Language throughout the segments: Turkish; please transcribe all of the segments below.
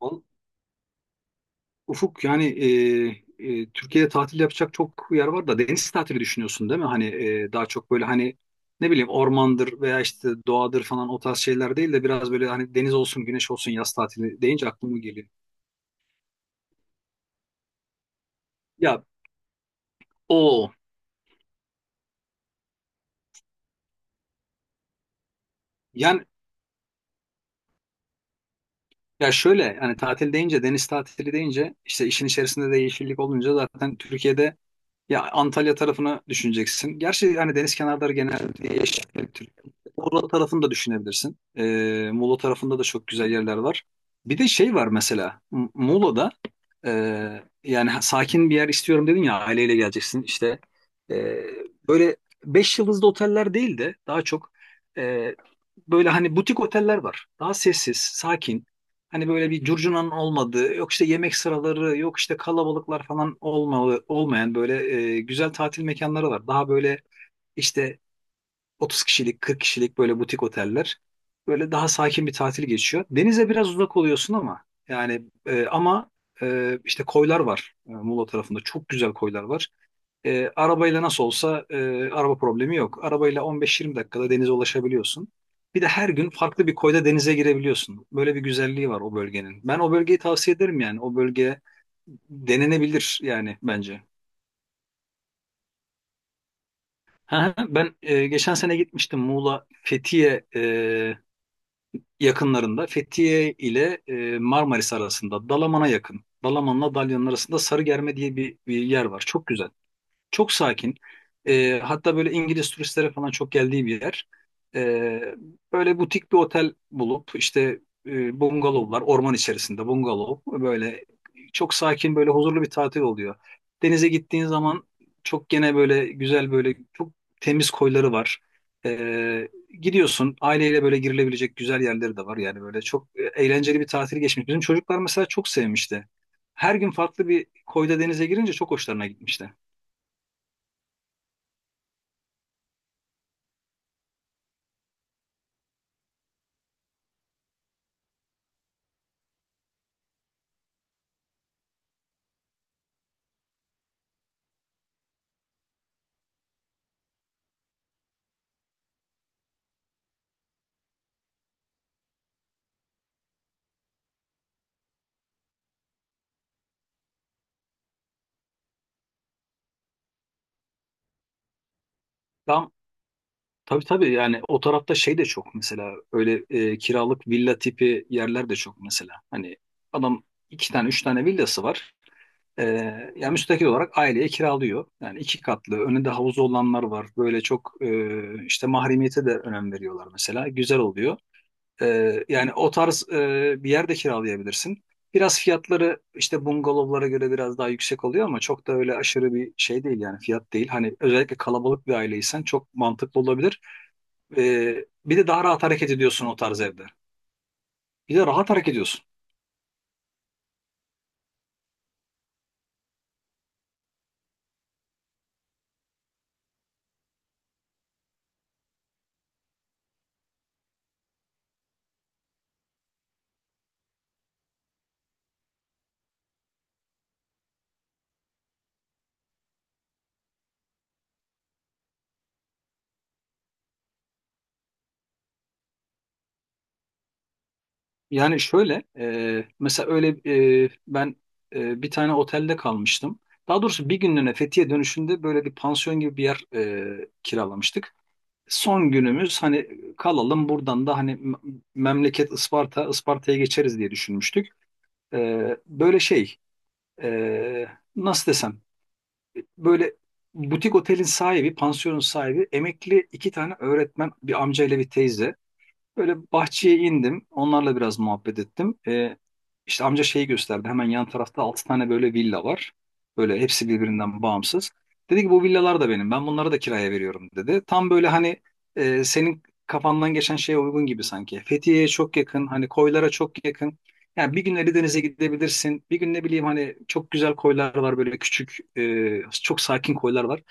Val- Ufuk yani, Türkiye'de tatil yapacak çok yer var da deniz tatili düşünüyorsun değil mi? Hani daha çok böyle hani ne bileyim ormandır veya işte doğadır falan o tarz şeyler değil de biraz böyle hani deniz olsun güneş olsun yaz tatili deyince aklıma geliyor. Ya o yani ya şöyle hani tatil deyince deniz tatili deyince işte işin içerisinde de yeşillik olunca zaten Türkiye'de. Ya Antalya tarafını düşüneceksin. Gerçi hani deniz kenarları genelde yeşil Türkiye. Muğla tarafını da düşünebilirsin. Muğla tarafında da çok güzel yerler var. Bir de şey var mesela. Muğla'da e, yani, sakin bir yer istiyorum dedin ya aileyle geleceksin işte. E, Böyle beş yıldızlı oteller değil de daha çok, e, böyle hani butik oteller var. Daha sessiz, sakin. Hani böyle bir curcunanın olmadığı, yok işte yemek sıraları, yok işte kalabalıklar falan olmalı, olmayan böyle, güzel tatil mekanları var. Daha böyle işte 30 kişilik, 40 kişilik böyle butik oteller. Böyle daha sakin bir tatil geçiyor. Denize biraz uzak oluyorsun ama yani, ama, işte koylar var, Muğla tarafında. Çok güzel koylar var. Arabayla nasıl olsa, araba problemi yok. Arabayla 15-20 dakikada denize ulaşabiliyorsun. Bir de her gün farklı bir koyda denize girebiliyorsun. Böyle bir güzelliği var o bölgenin. Ben o bölgeyi tavsiye ederim yani. O bölge denenebilir yani bence. Ha, ben geçen sene gitmiştim Muğla Fethiye yakınlarında. Fethiye ile, Marmaris arasında Dalaman'a yakın. Dalaman'la Dalyan'ın arasında Sarıgerme diye bir yer var. Çok güzel. Çok sakin. Hatta böyle İngiliz turistlere falan çok geldiği bir yer. Ee, Böyle butik bir otel bulup işte, bungalovlar orman içerisinde bungalov böyle çok sakin böyle huzurlu bir tatil oluyor. Denize gittiğin zaman çok gene böyle güzel böyle çok temiz koyları var. Ee, Gidiyorsun aileyle böyle girilebilecek güzel yerleri de var yani böyle çok, eğlenceli bir tatil geçmiş. Bizim çocuklar mesela çok sevmişti. Her gün farklı bir koyda denize girince çok hoşlarına gitmişti. Daha Tabii tabii yani o tarafta şey de çok mesela, öyle, kiralık villa tipi yerler de çok mesela. Hani adam iki tane üç tane villası var. E, Yani müstakil olarak aileye kiralıyor. Yani iki katlı önünde havuzu olanlar var. Böyle çok, işte mahremiyete de önem veriyorlar mesela. Güzel oluyor. E, Yani o tarz, bir yer de kiralayabilirsin. Biraz fiyatları işte bungalovlara göre biraz daha yüksek oluyor ama çok da öyle aşırı bir şey değil yani fiyat değil. Hani özellikle kalabalık bir aileysen çok mantıklı olabilir. Bir de daha rahat hareket ediyorsun o tarz evde. Bir de rahat hareket ediyorsun. Yani şöyle, mesela öyle, ben, bir tane otelde kalmıştım. Daha doğrusu bir günlüğüne Fethiye dönüşünde böyle bir pansiyon gibi bir yer, kiralamıştık. Son günümüz hani kalalım buradan da hani, memleket Isparta, Isparta'ya geçeriz diye düşünmüştük. Böyle şey, e, nasıl desem böyle butik otelin sahibi, pansiyonun sahibi, emekli iki tane öğretmen, bir amca ile bir teyze. Böyle bahçeye indim. Onlarla biraz muhabbet ettim. İşte amca şeyi gösterdi. Hemen yan tarafta 6 tane böyle villa var. Böyle hepsi birbirinden bağımsız. Dedi ki bu villalar da benim. Ben bunları da kiraya veriyorum dedi. Tam böyle hani, senin kafandan geçen şeye uygun gibi sanki. Fethiye'ye çok yakın. Hani koylara çok yakın. Yani bir gün Elideniz'e gidebilirsin. Bir gün ne bileyim hani çok güzel koylar var böyle küçük, çok sakin koylar var.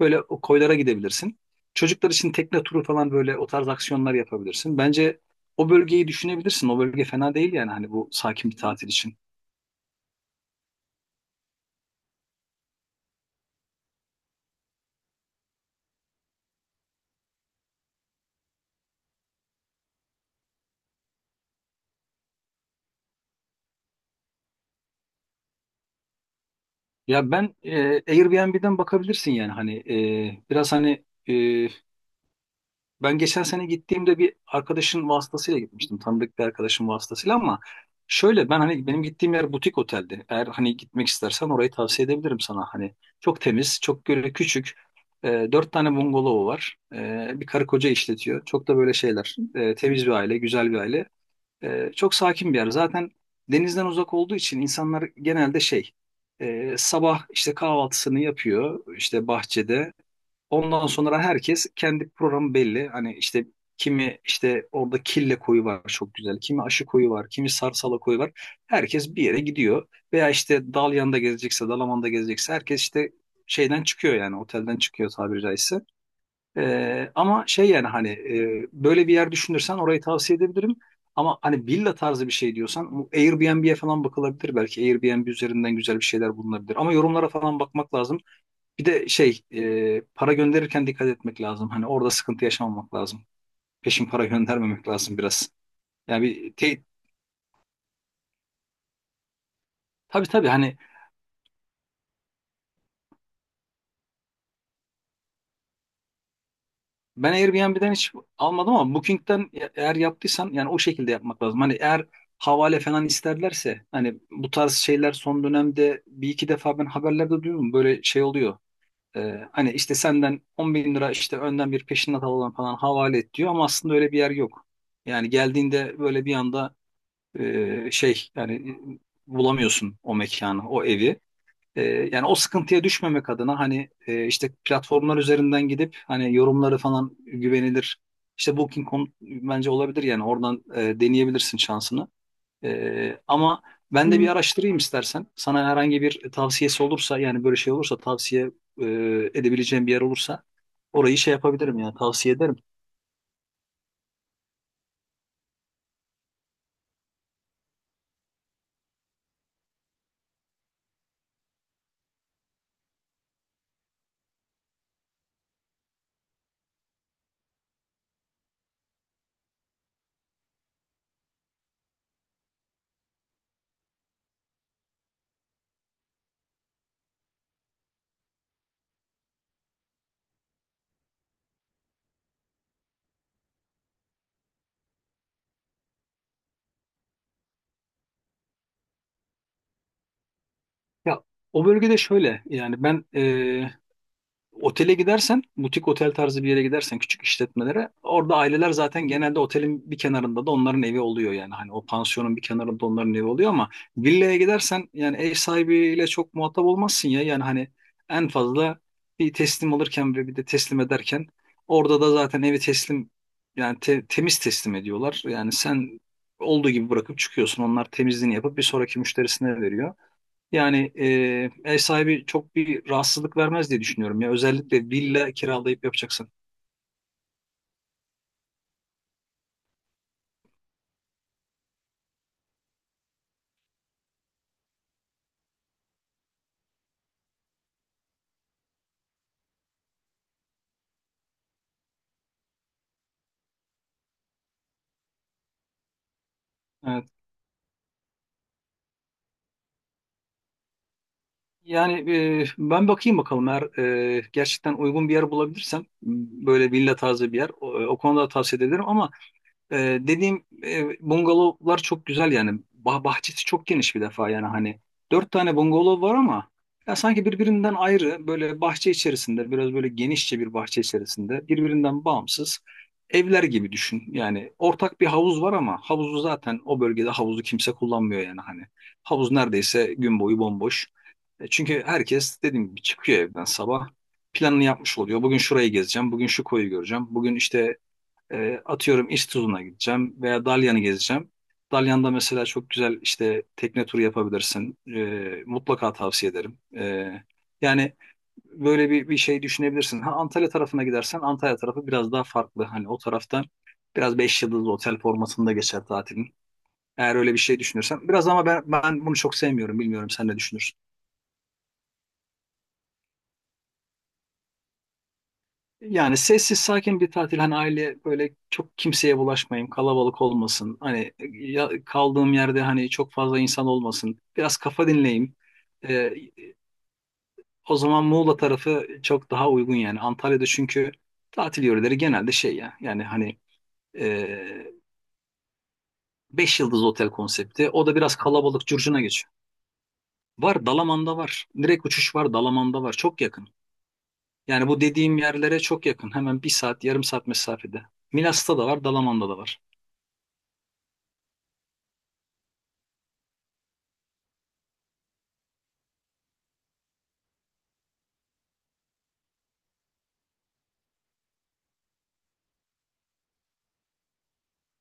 Böyle o koylara gidebilirsin. Çocuklar için tekne turu falan böyle o tarz aksiyonlar yapabilirsin. Bence o bölgeyi düşünebilirsin. O bölge fena değil yani hani bu sakin bir tatil için. Ya ben e, Airbnb'den bakabilirsin yani hani, biraz hani, ben geçen sene gittiğimde bir arkadaşın vasıtasıyla gitmiştim. Tanıdık bir arkadaşın vasıtasıyla ama şöyle ben hani benim gittiğim yer butik oteldi. Eğer hani gitmek istersen orayı tavsiye edebilirim sana. Hani çok temiz, çok böyle küçük. Dört tane bungalovu var. Bir karı koca işletiyor. Çok da böyle şeyler. Temiz bir aile, güzel bir aile. Çok sakin bir yer. Zaten denizden uzak olduğu için insanlar genelde şey, sabah işte kahvaltısını yapıyor, işte bahçede. Ondan sonra herkes kendi programı belli. Hani işte kimi işte orada kille koyu var çok güzel. Kimi aşı koyu var. Kimi sarsala koyu var. Herkes bir yere gidiyor. Veya işte Dalyan'da gezecekse, Dalaman'da gezecekse herkes işte şeyden çıkıyor yani otelden çıkıyor tabiri caizse. Ama şey yani hani, böyle bir yer düşünürsen orayı tavsiye edebilirim. Ama hani villa tarzı bir şey diyorsan bu Airbnb'ye falan bakılabilir belki. Airbnb üzerinden güzel bir şeyler bulunabilir. Ama yorumlara falan bakmak lazım. Bir de şey, para gönderirken dikkat etmek lazım. Hani orada sıkıntı yaşamamak lazım. Peşin para göndermemek lazım biraz. Yani tabii tabii hani ben Airbnb'den hiç almadım ama Booking'den eğer yaptıysan yani o şekilde yapmak lazım. Hani eğer havale falan isterlerse hani bu tarz şeyler son dönemde bir iki defa ben haberlerde duydum böyle şey oluyor. Hani işte senden 10 bin lira işte önden bir peşinat alalım falan havale et diyor ama aslında öyle bir yer yok. Yani geldiğinde böyle bir anda, şey yani bulamıyorsun o mekanı, o evi. Yani o sıkıntıya düşmemek adına hani, işte platformlar üzerinden gidip hani yorumları falan güvenilir. İşte Booking.com bence olabilir yani oradan, deneyebilirsin şansını. Ama ben de bir, araştırayım istersen. Sana herhangi bir tavsiyesi olursa yani böyle şey olursa tavsiye, e, edebileceğim bir yer olursa orayı şey yapabilirim yani tavsiye ederim. Ya o bölgede şöyle yani ben, otele gidersen, butik otel tarzı bir yere gidersen küçük işletmelere orada aileler zaten genelde otelin bir kenarında da onların evi oluyor yani. Hani o pansiyonun bir kenarında onların evi oluyor ama villaya gidersen yani ev sahibiyle çok muhatap olmazsın ya. Yani hani en fazla bir teslim alırken ve bir de teslim ederken orada da zaten evi teslim yani, temiz teslim ediyorlar. Yani sen olduğu gibi bırakıp çıkıyorsun. Onlar temizliğini yapıp bir sonraki müşterisine veriyor. Yani, ev sahibi çok bir rahatsızlık vermez diye düşünüyorum ya. Özellikle villa kiralayıp yapacaksan. Evet. Yani, ben bakayım bakalım eğer, gerçekten uygun bir yer bulabilirsem, böyle villa tarzı bir yer, o konuda tavsiye ederim ama. Dediğim, bungalovlar çok güzel yani. Bahçesi çok geniş bir defa yani hani. Dört tane bungalov var ama ya sanki birbirinden ayrı böyle bahçe içerisinde biraz böyle genişçe bir bahçe içerisinde birbirinden bağımsız evler gibi düşün. Yani ortak bir havuz var ama havuzu zaten o bölgede havuzu kimse kullanmıyor yani hani. Havuz neredeyse gün boyu bomboş. Çünkü herkes dediğim gibi çıkıyor evden sabah planını yapmış oluyor. Bugün şurayı gezeceğim, bugün şu koyu göreceğim, bugün işte, atıyorum İztuzu'na gideceğim veya Dalyan'ı gezeceğim. Dalyan'da mesela çok güzel işte tekne turu yapabilirsin. Mutlaka tavsiye ederim. Yani böyle bir şey düşünebilirsin. Ha, Antalya tarafına gidersen Antalya tarafı biraz daha farklı. Hani o tarafta biraz beş yıldızlı otel formatında geçer tatilin. Eğer öyle bir şey düşünürsen. Biraz ama ben bunu çok sevmiyorum. Bilmiyorum sen ne düşünürsün? Yani sessiz sakin bir tatil hani aile böyle çok kimseye bulaşmayayım kalabalık olmasın hani, ya, kaldığım yerde hani çok fazla insan olmasın biraz kafa dinleyeyim. Ee, O zaman Muğla tarafı çok daha uygun yani Antalya'da çünkü tatil yöreleri genelde şey ya yani hani, e, beş yıldız otel konsepti o da biraz kalabalık curcuna geçiyor. Var, Dalaman'da var, direkt uçuş var, Dalaman'da var çok yakın yani bu dediğim yerlere çok yakın, hemen bir saat yarım saat mesafede. Milas'ta da var, Dalaman'da da var.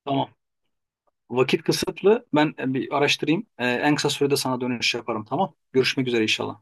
Tamam. Vakit kısıtlı. Ben bir araştırayım. En kısa sürede sana dönüş yaparım. Tamam. Görüşmek üzere inşallah.